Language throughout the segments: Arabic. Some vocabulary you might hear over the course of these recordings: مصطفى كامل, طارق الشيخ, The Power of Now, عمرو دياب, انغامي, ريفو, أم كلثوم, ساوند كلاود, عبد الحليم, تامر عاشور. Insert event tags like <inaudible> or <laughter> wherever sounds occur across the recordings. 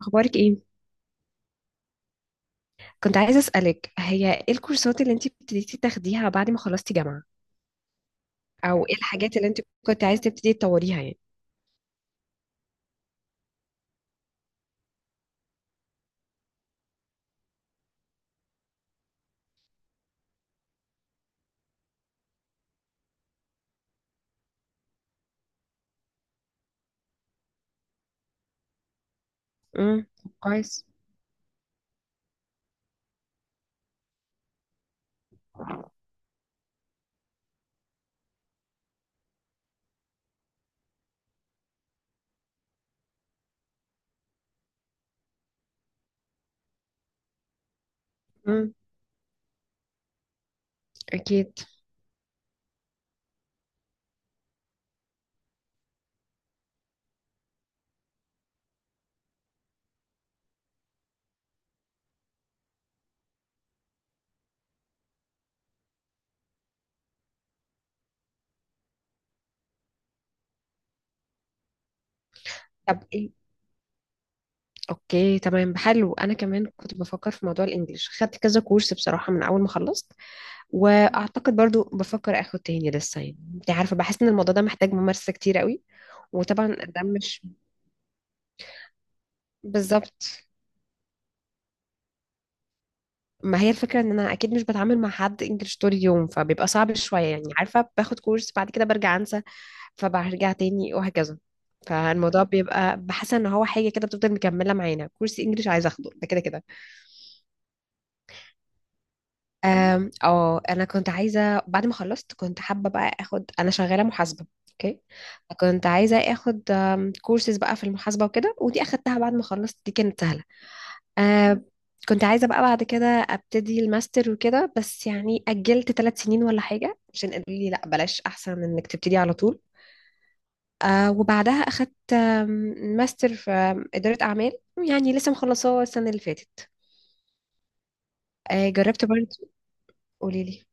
اخبارك ايه؟ كنت عايزه اسالك، هي ايه الكورسات اللي انت ابتديتي تاخديها بعد ما خلصتي جامعه؟ او ايه الحاجات اللي انت كنت عايزه تبتدي تطوريها يعني؟ امم. كويس. امم. اكيد. طب ايه اوكي، تمام، حلو. انا كمان كنت بفكر في موضوع الانجليش، خدت كذا كورس بصراحه من اول ما خلصت. واعتقد برضو بفكر اخد تاني لسه، يعني انت عارفه، بحس ان الموضوع ده محتاج ممارسه كتير قوي. وطبعا ده مش بالظبط. ما هي الفكرة ان انا اكيد مش بتعامل مع حد انجلش طول اليوم، فبيبقى صعب شوية، يعني عارفة، باخد كورس بعد كده برجع انسى، فبرجع تاني وهكذا. فالموضوع بيبقى، بحس ان هو حاجة كده بتفضل مكملة معانا. كورس انجلش عايزة اخده ده كده كده. أم، اه انا كنت عايزة، بعد ما خلصت كنت حابة بقى اخد، انا شغالة محاسبة اوكي. كنت عايزة اخد كورسز بقى في المحاسبة وكده، ودي اخدتها بعد ما خلصت، دي كانت سهلة. آه كنت عايزة بقى بعد كده أبتدي الماستر وكده، بس يعني أجلت 3 سنين ولا حاجة عشان قالوا لي لأ بلاش، أحسن من إنك تبتدي على طول. وبعدها أخدت ماستر في إدارة أعمال، يعني لسه مخلصاه السنة اللي فاتت. جربت برضه. قولي لي.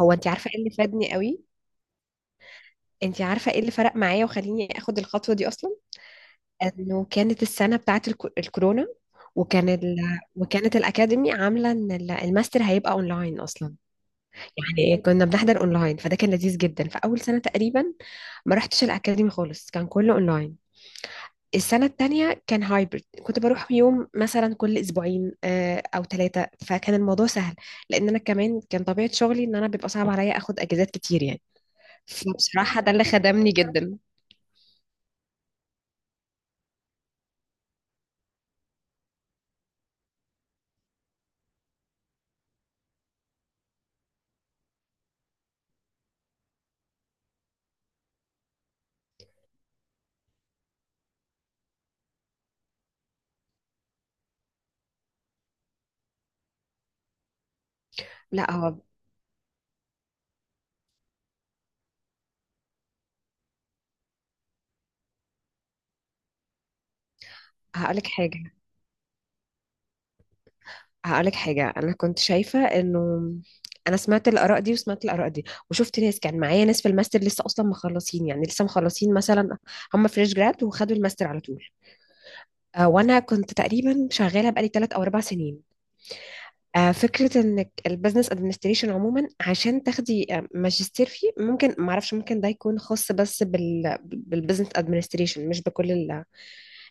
هو أنت عارفة إيه اللي فادني قوي؟ أنت عارفة إيه اللي فرق معايا وخليني أخد الخطوة دي أصلا؟ إنه كانت السنة بتاعت الكورونا. وكان ال... وكانت الأكاديمي عاملة إن الماستر هيبقى أونلاين أصلا، يعني كنا بنحضر اونلاين، فده كان لذيذ جدا. فاول سنه تقريبا ما رحتش الاكاديمي خالص، كان كله اونلاين. السنه التانية كان هايبرد، كنت بروح يوم مثلا كل اسبوعين او ثلاثه، فكان الموضوع سهل، لان انا كمان كان طبيعه شغلي ان انا بيبقى صعب عليا اخد اجازات كتير يعني. فبصراحه ده اللي خدمني جدا. لا هو. هقولك حاجه هقولك حاجة، أنا كنت شايفة إنه أنا سمعت الآراء دي وسمعت الآراء دي، وشفت ناس كان معايا، ناس في الماستر لسه أصلا مخلصين، يعني لسه مخلصين مثلا، هم فريش جراد وخدوا الماستر على طول. وأنا كنت تقريبا شغالة بقالي 3 أو 4 سنين. فكرة إنك البزنس أدمنستريشن عموما، عشان تاخدي ماجستير فيه، ممكن معرفش، ممكن ده يكون خاص بس بالبزنس أدمنستريشن مش بكل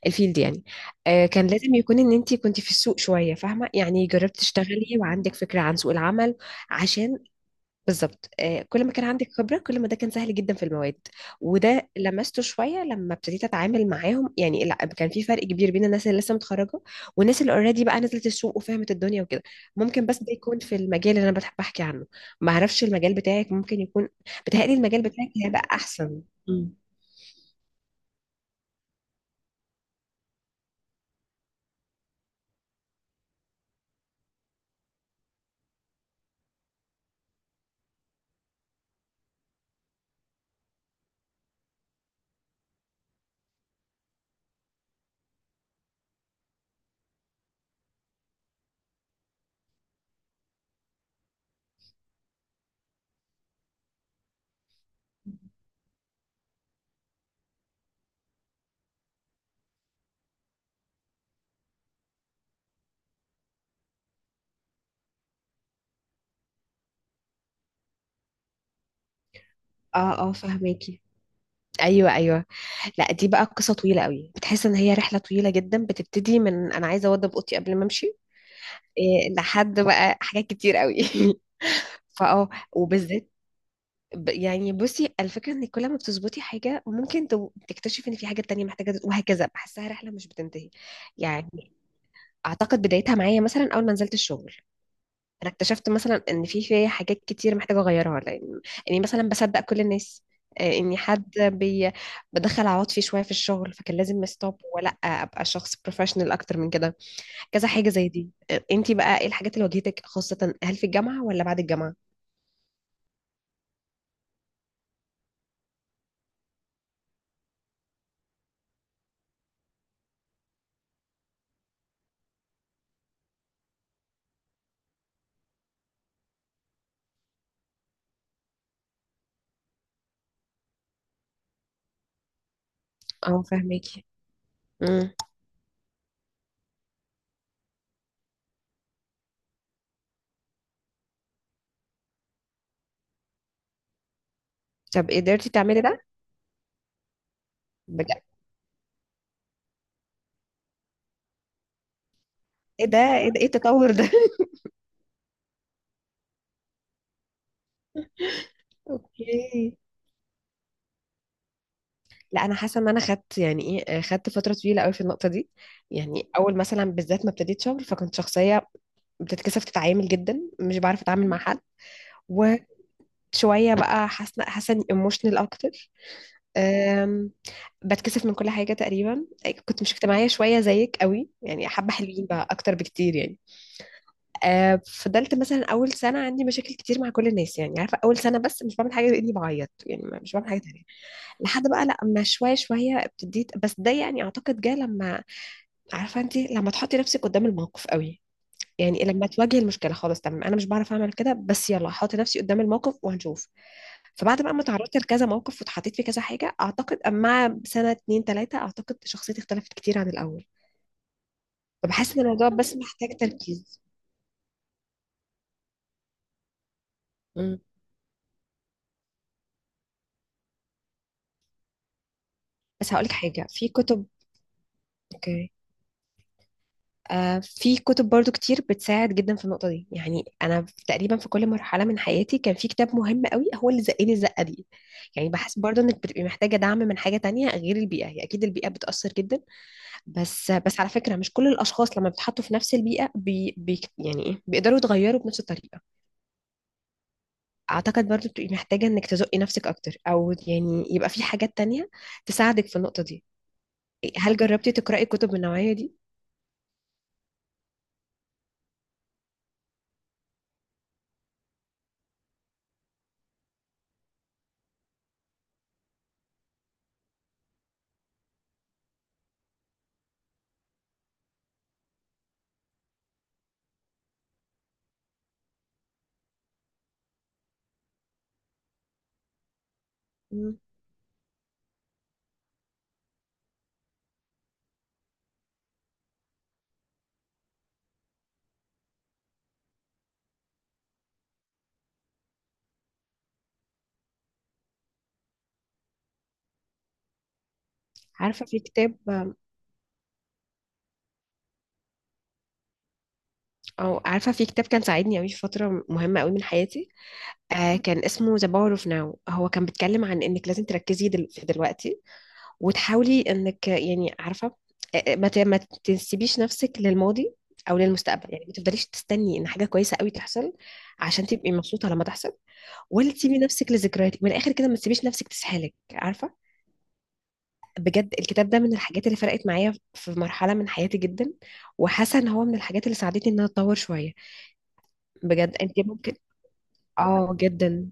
الفيلد يعني. كان لازم يكون ان انت كنت في السوق شويه فاهمه، يعني جربت تشتغلي وعندك فكره عن سوق العمل عشان. بالظبط. كل ما كان عندك خبره كل ما ده كان سهل جدا في المواد. وده لمسته شويه لما ابتديت اتعامل معاهم، يعني لا، كان في فرق كبير بين الناس اللي لسه متخرجه والناس اللي اوريدي بقى نزلت السوق وفهمت الدنيا وكده. ممكن بس ده يكون في المجال اللي انا بحب احكي عنه. ما اعرفش المجال بتاعك ممكن يكون، بتهيألي المجال بتاعك هيبقى احسن. مم. اه، اه، فهماكي. ايوه، ايوه. لا، دي بقى قصة طويلة قوي، بتحس ان هي رحلة طويلة جدا، بتبتدي من انا عايزة اوضب اوضتي قبل ما امشي. إيه، لحد بقى حاجات كتير قوي. <laughs> وبالذات، يعني بصي الفكرة ان كل ما بتظبطي حاجة ممكن تكتشفي ان في حاجة تانية محتاجة وهكذا، بحسها رحلة مش بتنتهي. يعني اعتقد بدايتها معايا مثلا اول ما نزلت الشغل، انا اكتشفت مثلا ان في فيا حاجات كتير محتاجه اغيرها، لان اني مثلا بصدق كل الناس، اني بدخل عواطفي فيه شويه في الشغل، فكان لازم ستوب ولا ابقى شخص بروفيشنال اكتر من كده. كذا حاجه زي دي. انتي بقى ايه الحاجات اللي واجهتك، خاصه هل في الجامعه ولا بعد الجامعه؟ اه، فاهماكي. امم. طب قدرتي تعملي ده؟ بجد؟ ايه ده، ايه ده؟ إيه التطور ده؟ <laughs> اوكي. لا، انا حاسه ان انا خدت يعني ايه آه، خدت فتره طويله قوي في النقطه دي. يعني اول مثلا بالذات ما ابتديت شغل، فكنت شخصيه بتتكسف تتعامل جدا، مش بعرف اتعامل مع حد. وشويه بقى حاسه اني ايموشنال اكتر. أم، بتكسف من كل حاجه تقريبا، كنت مش اجتماعيه شويه زيك قوي يعني، حبه حلوين بقى اكتر بكتير يعني. فضلت مثلا اول سنه عندي مشاكل كتير مع كل الناس، يعني عارفه اول سنه بس مش بعمل حاجه غير اني بعيط، يعني مش بعمل حاجه تانية. لحد بقى لما شويه شويه ابتديت، بس ده يعني اعتقد جه لما، عارفه انت لما تحطي نفسك قدام الموقف قوي، يعني لما تواجه المشكله، خلاص تمام، انا مش بعرف اعمل كده، بس يلا هحط نفسي قدام الموقف وهنشوف. فبعد بقى ما تعرضت لكذا موقف واتحطيت في كذا حاجه، اعتقد مع سنه اتنين تلاته، اعتقد شخصيتي اختلفت كتير عن الاول. فبحس ان الموضوع بس محتاج تركيز. مم. بس هقولك حاجه في كتب. اوكي. في كتب برضو كتير بتساعد جدا في النقطه دي، يعني انا تقريبا في كل مرحله من حياتي كان في كتاب مهم قوي هو اللي زقني الزقه دي. يعني بحس برضو انك بتبقي محتاجه دعم من حاجه تانية غير البيئه، هي اكيد البيئه بتاثر جدا. بس على فكرة مش كل الأشخاص لما بيتحطوا في نفس البيئة بي بي يعني إيه، بيقدروا يتغيروا بنفس الطريقة. أعتقد برضو بتبقي محتاجة إنك تزقي نفسك أكتر، أو يعني يبقى في حاجات تانية تساعدك في النقطة دي. هل جربتي تقرأي كتب من النوعية دي؟ مم. عارفة في كتاب عارفة في كتاب كان ساعدني أوي في فترة مهمة أوي من حياتي. كان اسمه The Power of Now، هو كان بيتكلم عن إنك لازم تركزي في دلوقتي، وتحاولي انك، يعني عارفه، ما تسيبيش نفسك للماضي او للمستقبل، يعني ما تفضليش تستني ان حاجه كويسه قوي تحصل عشان تبقي مبسوطه لما تحصل، ولا تسيبي نفسك لذكرياتك. من الاخر كده ما تسيبيش نفسك تسحلك، عارفه. بجد الكتاب ده من الحاجات اللي فرقت معايا في مرحله من حياتي جدا، وحاسه ان هو من الحاجات اللي ساعدتني ان انا اتطور شويه. بجد انت ممكن. اه، جدا.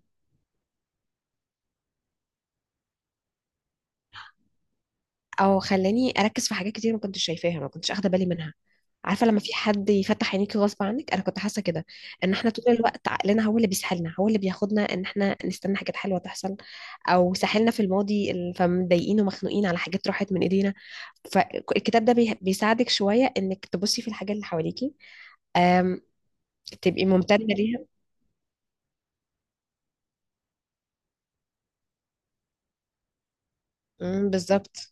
او خلاني اركز في حاجات كتير ما كنتش شايفاها، ما كنتش اخده بالي منها. عارفه لما في حد يفتح عينيكي غصب عنك، انا كنت حاسه كده ان احنا طول الوقت عقلنا هو اللي بيسحلنا، هو اللي بياخدنا ان احنا نستنى حاجات حلوه تحصل، او ساحلنا في الماضي فمضايقين ومخنوقين على حاجات راحت من ايدينا. فالكتاب ده بيساعدك شويه انك تبصي في الحاجات اللي حواليكي. أم، تبقي ممتنه ليها. بالظبط.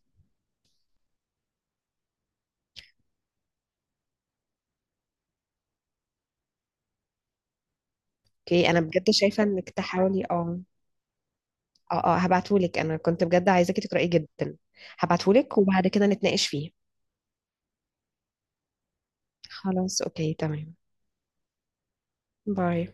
اوكي، انا بجد شايفه انك تحاولي، اه. اه، اه، هبعتهولك. انا كنت بجد عايزاكي تقرأيه جدا، هبعتهولك وبعد كده نتناقش فيه. خلاص، اوكي، تمام. باي.